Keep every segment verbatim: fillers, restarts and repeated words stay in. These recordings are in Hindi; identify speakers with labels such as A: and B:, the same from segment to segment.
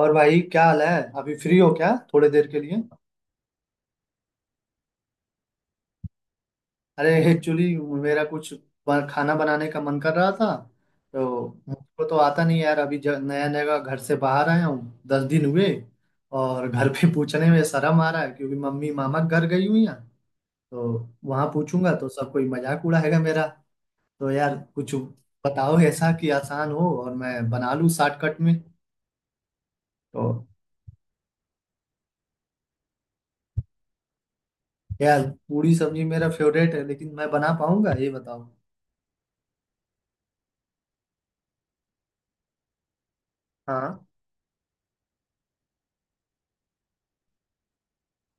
A: और भाई क्या हाल है। अभी फ्री हो क्या थोड़े देर के लिए? अरे एक्चुअली मेरा कुछ ब- खाना बनाने का मन कर रहा था। तो मुझको तो आता नहीं यार, अभी ज- नया नया घर से बाहर आया हूँ, दस दिन हुए। और घर पे पूछने में शर्म आ रहा है क्योंकि मम्मी मामा के घर गई हुई हैं। तो वहां पूछूंगा तो सब कोई मजाक उड़ाएगा मेरा। तो यार कुछ बताओ ऐसा कि आसान हो और मैं बना लूँ शॉर्टकट में। तो यार, पूरी सब्जी मेरा फेवरेट है, लेकिन मैं बना पाऊंगा ये बताओ। हाँ।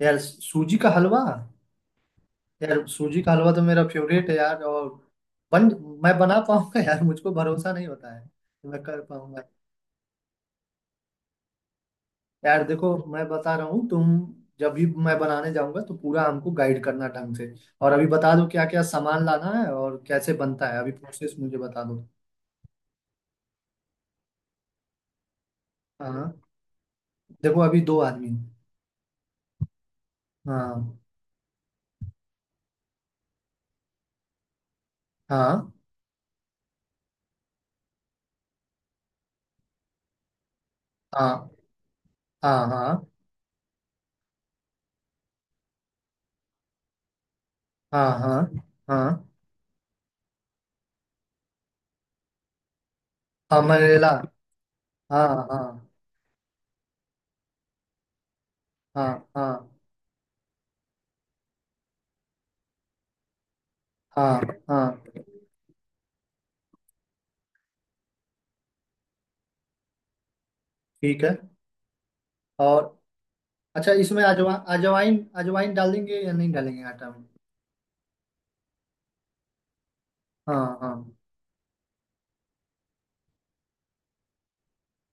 A: यार सूजी का हलवा। यार सूजी का हलवा तो मेरा फेवरेट है यार, और बन मैं बना पाऊंगा यार? मुझको भरोसा नहीं होता है कि मैं कर पाऊंगा। यार देखो मैं बता रहा हूँ तुम, जब भी मैं बनाने जाऊंगा तो पूरा हमको गाइड करना ढंग से। और अभी बता दो क्या क्या सामान लाना है और कैसे बनता है, अभी प्रोसेस मुझे बता दो। हाँ। देखो अभी दो आदमी हैं। हाँ हाँ। हाँ हाँ। हाँ हाँ। हाँ हाँ। अमरेला। हाँ हाँ। हाँ हाँ। हाँ हाँ। ठीक है। और अच्छा इसमें अजवा अजवाइन, अजवाइन डालेंगे या नहीं डालेंगे आटा में? हाँ हाँ।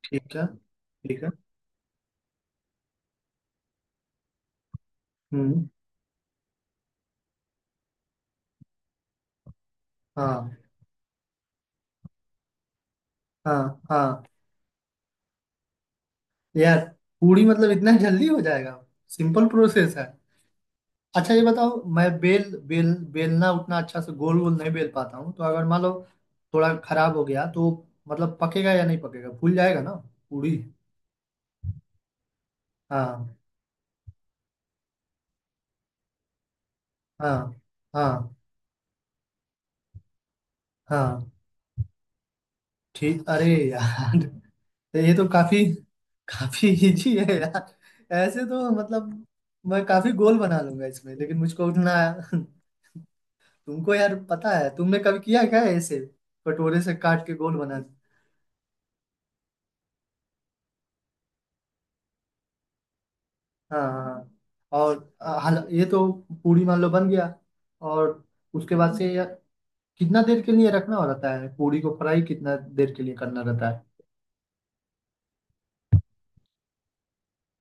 A: ठीक है। ठीक है। हम्म। हाँ हाँ। हाँ। यार पूरी मतलब इतना जल्दी हो जाएगा? सिंपल प्रोसेस है। अच्छा ये बताओ, मैं बेल बेल बेलना उतना अच्छा से गोल गोल नहीं बेल पाता हूँ, तो अगर मान लो थोड़ा खराब हो गया तो मतलब पकेगा या नहीं पकेगा, फूल जाएगा ना पूरी? हाँ हाँ। हाँ हाँ। ठीक। अरे यार तो ये तो काफी, काफी इजी है यार, ऐसे तो मतलब मैं काफी गोल बना लूंगा इसमें, लेकिन मुझको उतना। तुमको यार पता है, तुमने कभी किया क्या है ऐसे कटोरे से काट के गोल बना? हाँ हाँ। हाँ। और अ, हल ये तो पूरी मान लो बन गया, और उसके बाद से यार कितना देर के लिए रखना रहता है पूरी को, फ्राई कितना देर के लिए करना रहता है?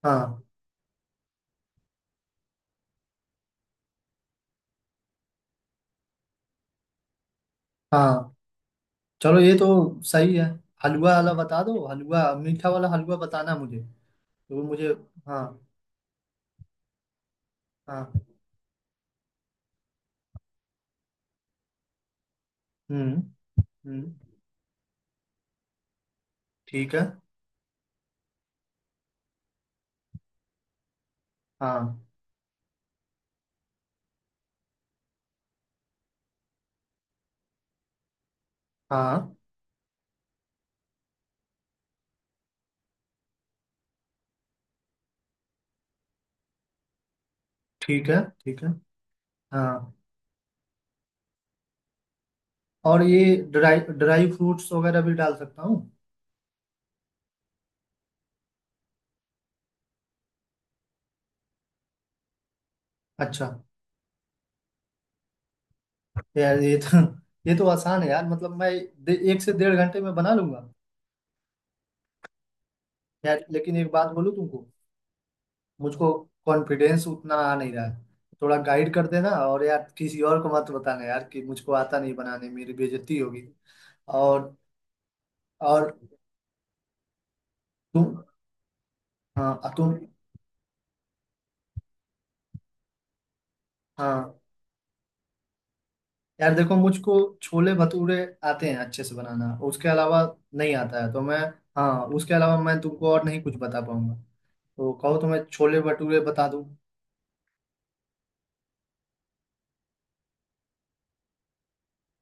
A: हाँ हाँ। चलो, ये तो सही है। हलवा वाला बता दो, हलवा मीठा वाला हलवा बताना मुझे। तो मुझे हाँ हाँ। हम्म हम्म। ठीक है। हाँ हाँ। ठीक है। ठीक है। हाँ। और ये ड्राई ड्राई फ्रूट्स वगैरह भी डाल सकता हूँ? अच्छा यार, ये तो ये तो आसान है यार, मतलब मैं दे, एक से डेढ़ घंटे में बना लूंगा। यार लेकिन एक बात बोलूँ तुमको, मुझको कॉन्फिडेंस उतना आ नहीं रहा है। थोड़ा गाइड कर देना, और यार किसी और को मत बताना यार कि मुझको आता नहीं बनाने, मेरी बेइज्जती होगी। और और तुम। हाँ तुम। हाँ यार देखो, मुझको छोले भटूरे आते हैं अच्छे से बनाना, उसके अलावा नहीं आता है तो मैं। हाँ, उसके अलावा मैं तुमको और नहीं कुछ बता पाऊंगा। तो कहो तो मैं छोले भटूरे बता दूं।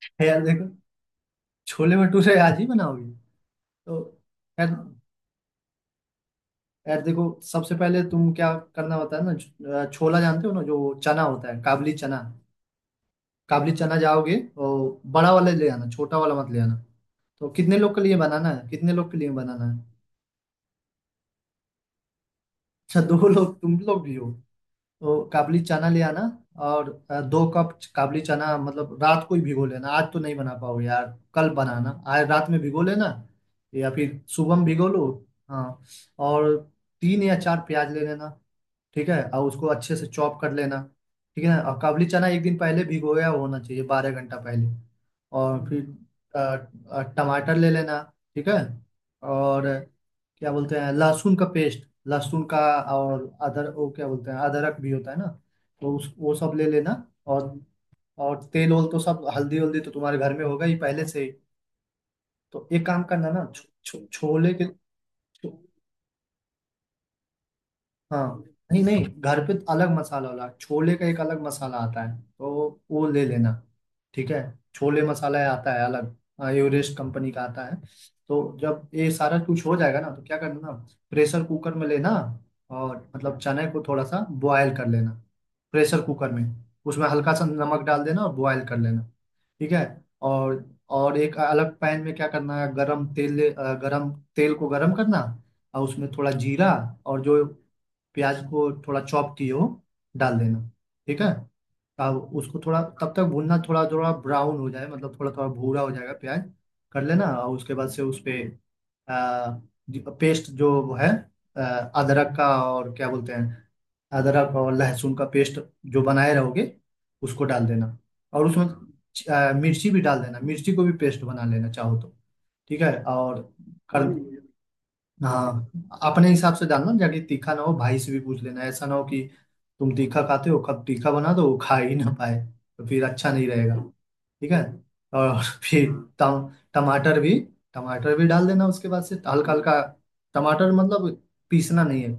A: यार देखो, छोले भटूरे आज ही बनाओगी तो यार यार देखो, सबसे पहले तुम क्या करना होता है ना? छ- छोला जानते हो ना, जो चना होता है, काबली चना। काबली चना जाओगे और बड़ा वाला ले आना, छोटा वाला मत ले आना। तो कितने लोग के लिए बनाना है, कितने लोग के लिए बनाना है? अच्छा, दो लोग तुम लोग भी हो? तो काबली चना ले आना। और अ, दो कप काबली चना, मतलब रात को ही भिगो लेना, आज तो नहीं बना पाओ यार। कल बनाना, आज रात में भिगो लेना। या फिर सुबह में भिगो लो। हाँ। और तीन या चार प्याज ले लेना, ठीक है, और उसको अच्छे से चॉप कर लेना। ठीक है ना। और काबली चना एक दिन पहले भिगोया होना चाहिए, बारह घंटा पहले। और फिर अ, अ, टमाटर ले लेना, ठीक है। और क्या बोलते हैं, लहसुन का पेस्ट, लहसुन का। और अदर वो क्या बोलते हैं, अदरक भी होता है ना। तो उस वो सब ले लेना। और और तेल ओल तो सब, हल्दी वल्दी तो तुम्हारे घर में होगा ही पहले से ही। तो एक काम करना ना, छो, छो, छोले के। छो, हाँ, नहीं नहीं, घर पे अलग मसाला वाला, छोले का एक अलग मसाला आता है तो वो ले लेना। ठीक है। छोले मसाला आता है अलग। हाँ, एवरेस्ट कंपनी का आता है। तो जब ये सारा कुछ हो जाएगा ना, तो क्या करना, प्रेशर कुकर में लेना, और मतलब चने को थोड़ा सा बॉयल कर लेना, प्रेशर कुकर में। उसमें हल्का सा नमक डाल देना और बॉयल कर लेना। ठीक है। और और एक अलग पैन में क्या करना है, गरम तेल ले- अ, गरम तेल को गरम करना। और उसमें थोड़ा जीरा, और जो प्याज को थोड़ा चॉप किए हो डाल देना। ठीक है। अब उसको थोड़ा तब तक भूनना, थोड़ा थोड़ा ब्राउन हो जाए, मतलब थोड़ा थोड़ा भूरा हो जाएगा प्याज, कर लेना। और उसके बाद से उस पे आ, पेस्ट जो वो है, आ, अदरक का, और क्या बोलते हैं, अदरक और लहसुन का पेस्ट जो बनाए रहोगे उसको डाल देना। और उसमें आ, मिर्ची भी डाल देना, मिर्ची को भी पेस्ट बना लेना चाहो तो। ठीक है। और कर हाँ हाँ, अपने हिसाब से डालना जाके तीखा ना हो, भाई से भी पूछ लेना। ऐसा ना हो कि तुम तीखा खाते हो, कब तीखा बना दो वो खा ही ना पाए, तो फिर अच्छा नहीं रहेगा। ठीक है। और फिर टम टमाटर भी टमाटर भी डाल देना उसके बाद से, हल्का हल्का। टमाटर मतलब पीसना नहीं है,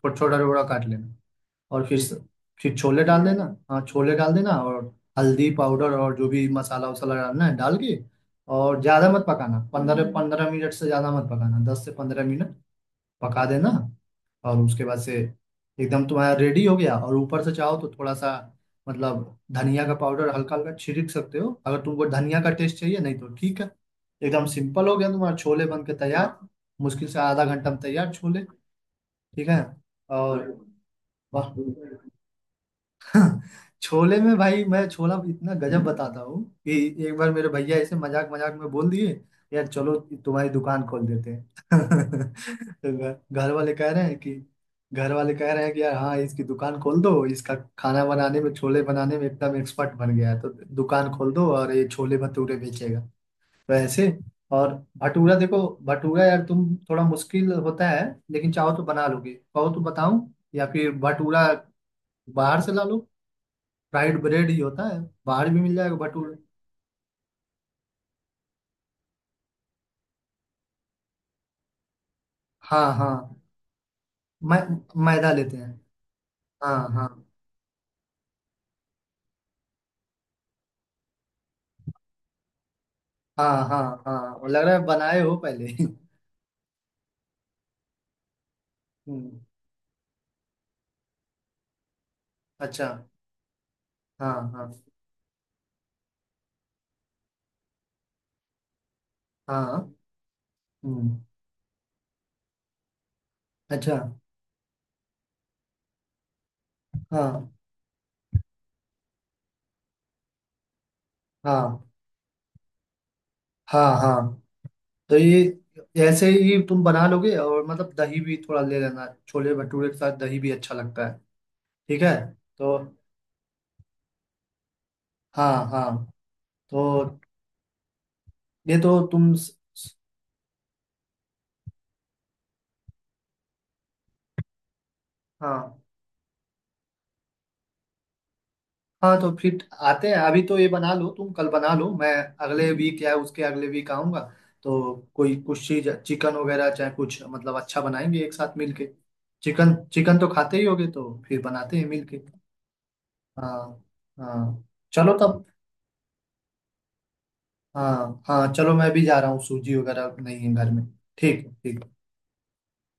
A: छोटा छोटा टुकड़ा काट लेना। और फिर से- फिर छोले डाल देना। हाँ, छोले डाल देना, और हल्दी पाउडर और जो भी मसाला वसाला डालना है डाल के, और ज़्यादा मत पकाना, पंद्रह पंद्रह मिनट से ज़्यादा मत पकाना, दस से पंद्रह मिनट पका देना। और उसके बाद से एकदम तुम्हारा रेडी हो गया। और ऊपर से चाहो तो थोड़ा सा मतलब धनिया का पाउडर हल्का हल्का छिड़क सकते हो, अगर तुमको धनिया का टेस्ट चाहिए, नहीं तो ठीक है। एकदम सिंपल, हो गया तुम्हारा छोले बन के तैयार। मुश्किल से आधा घंटा में तैयार छोले। ठीक है। और वाह, छोले में भाई, मैं छोला इतना गजब बताता हूँ कि एक बार मेरे भैया ऐसे मजाक मजाक में बोल दिए, यार चलो तुम्हारी दुकान खोल देते हैं। तो घ- घर वाले कह रहे हैं कि, घर वाले कह रहे हैं कि, यार हाँ, इसकी दुकान खोल दो, इसका खाना बनाने में, छोले बनाने में एकदम एक्सपर्ट बन गया है तो दुकान खोल दो और ये छोले भटूरे बेचेगा। तो ऐसे। और भटूरा देखो, भटूरा यार तुम, थोड़ा मुश्किल होता है लेकिन चाहो तो बना लोगे, कहो तो बताऊं? या फिर भटूरा बाहर से ला, फ्राइड ब्रेड ही होता है, बाहर भी मिल जाएगा भटूरे। हाँ हाँ। मै, मैदा लेते हैं। हाँ हाँ। हाँ हाँ। हाँ, और लग रहा है बनाए हो पहले। हम्म। अच्छा। हाँ हाँ। हाँ। हम्म। अच्छा। हाँ हाँ। हाँ हाँ। तो ये ऐसे ही तुम बना लोगे। और मतलब दही भी थोड़ा ले लेना, छोले भटूरे के साथ दही भी अच्छा लगता है। ठीक है। तो हाँ हाँ। तो ये तो तुम स- स- हाँ हाँ। तो फिर आते हैं, अभी तो ये बना लो, तुम कल बना लो, मैं अगले वीक या उसके अगले वीक आऊंगा। तो कोई कुछ चीज चिकन वगैरह चाहे, कुछ मतलब अच्छा बनाएंगे एक साथ मिलके। चिकन चिकन तो खाते ही होगे, तो फिर बनाते हैं मिलके। हाँ हाँ। चलो तब। हाँ हाँ, चलो मैं भी जा रहा हूँ, सूजी वगैरह नहीं है घर में। ठीक है। ठीक है।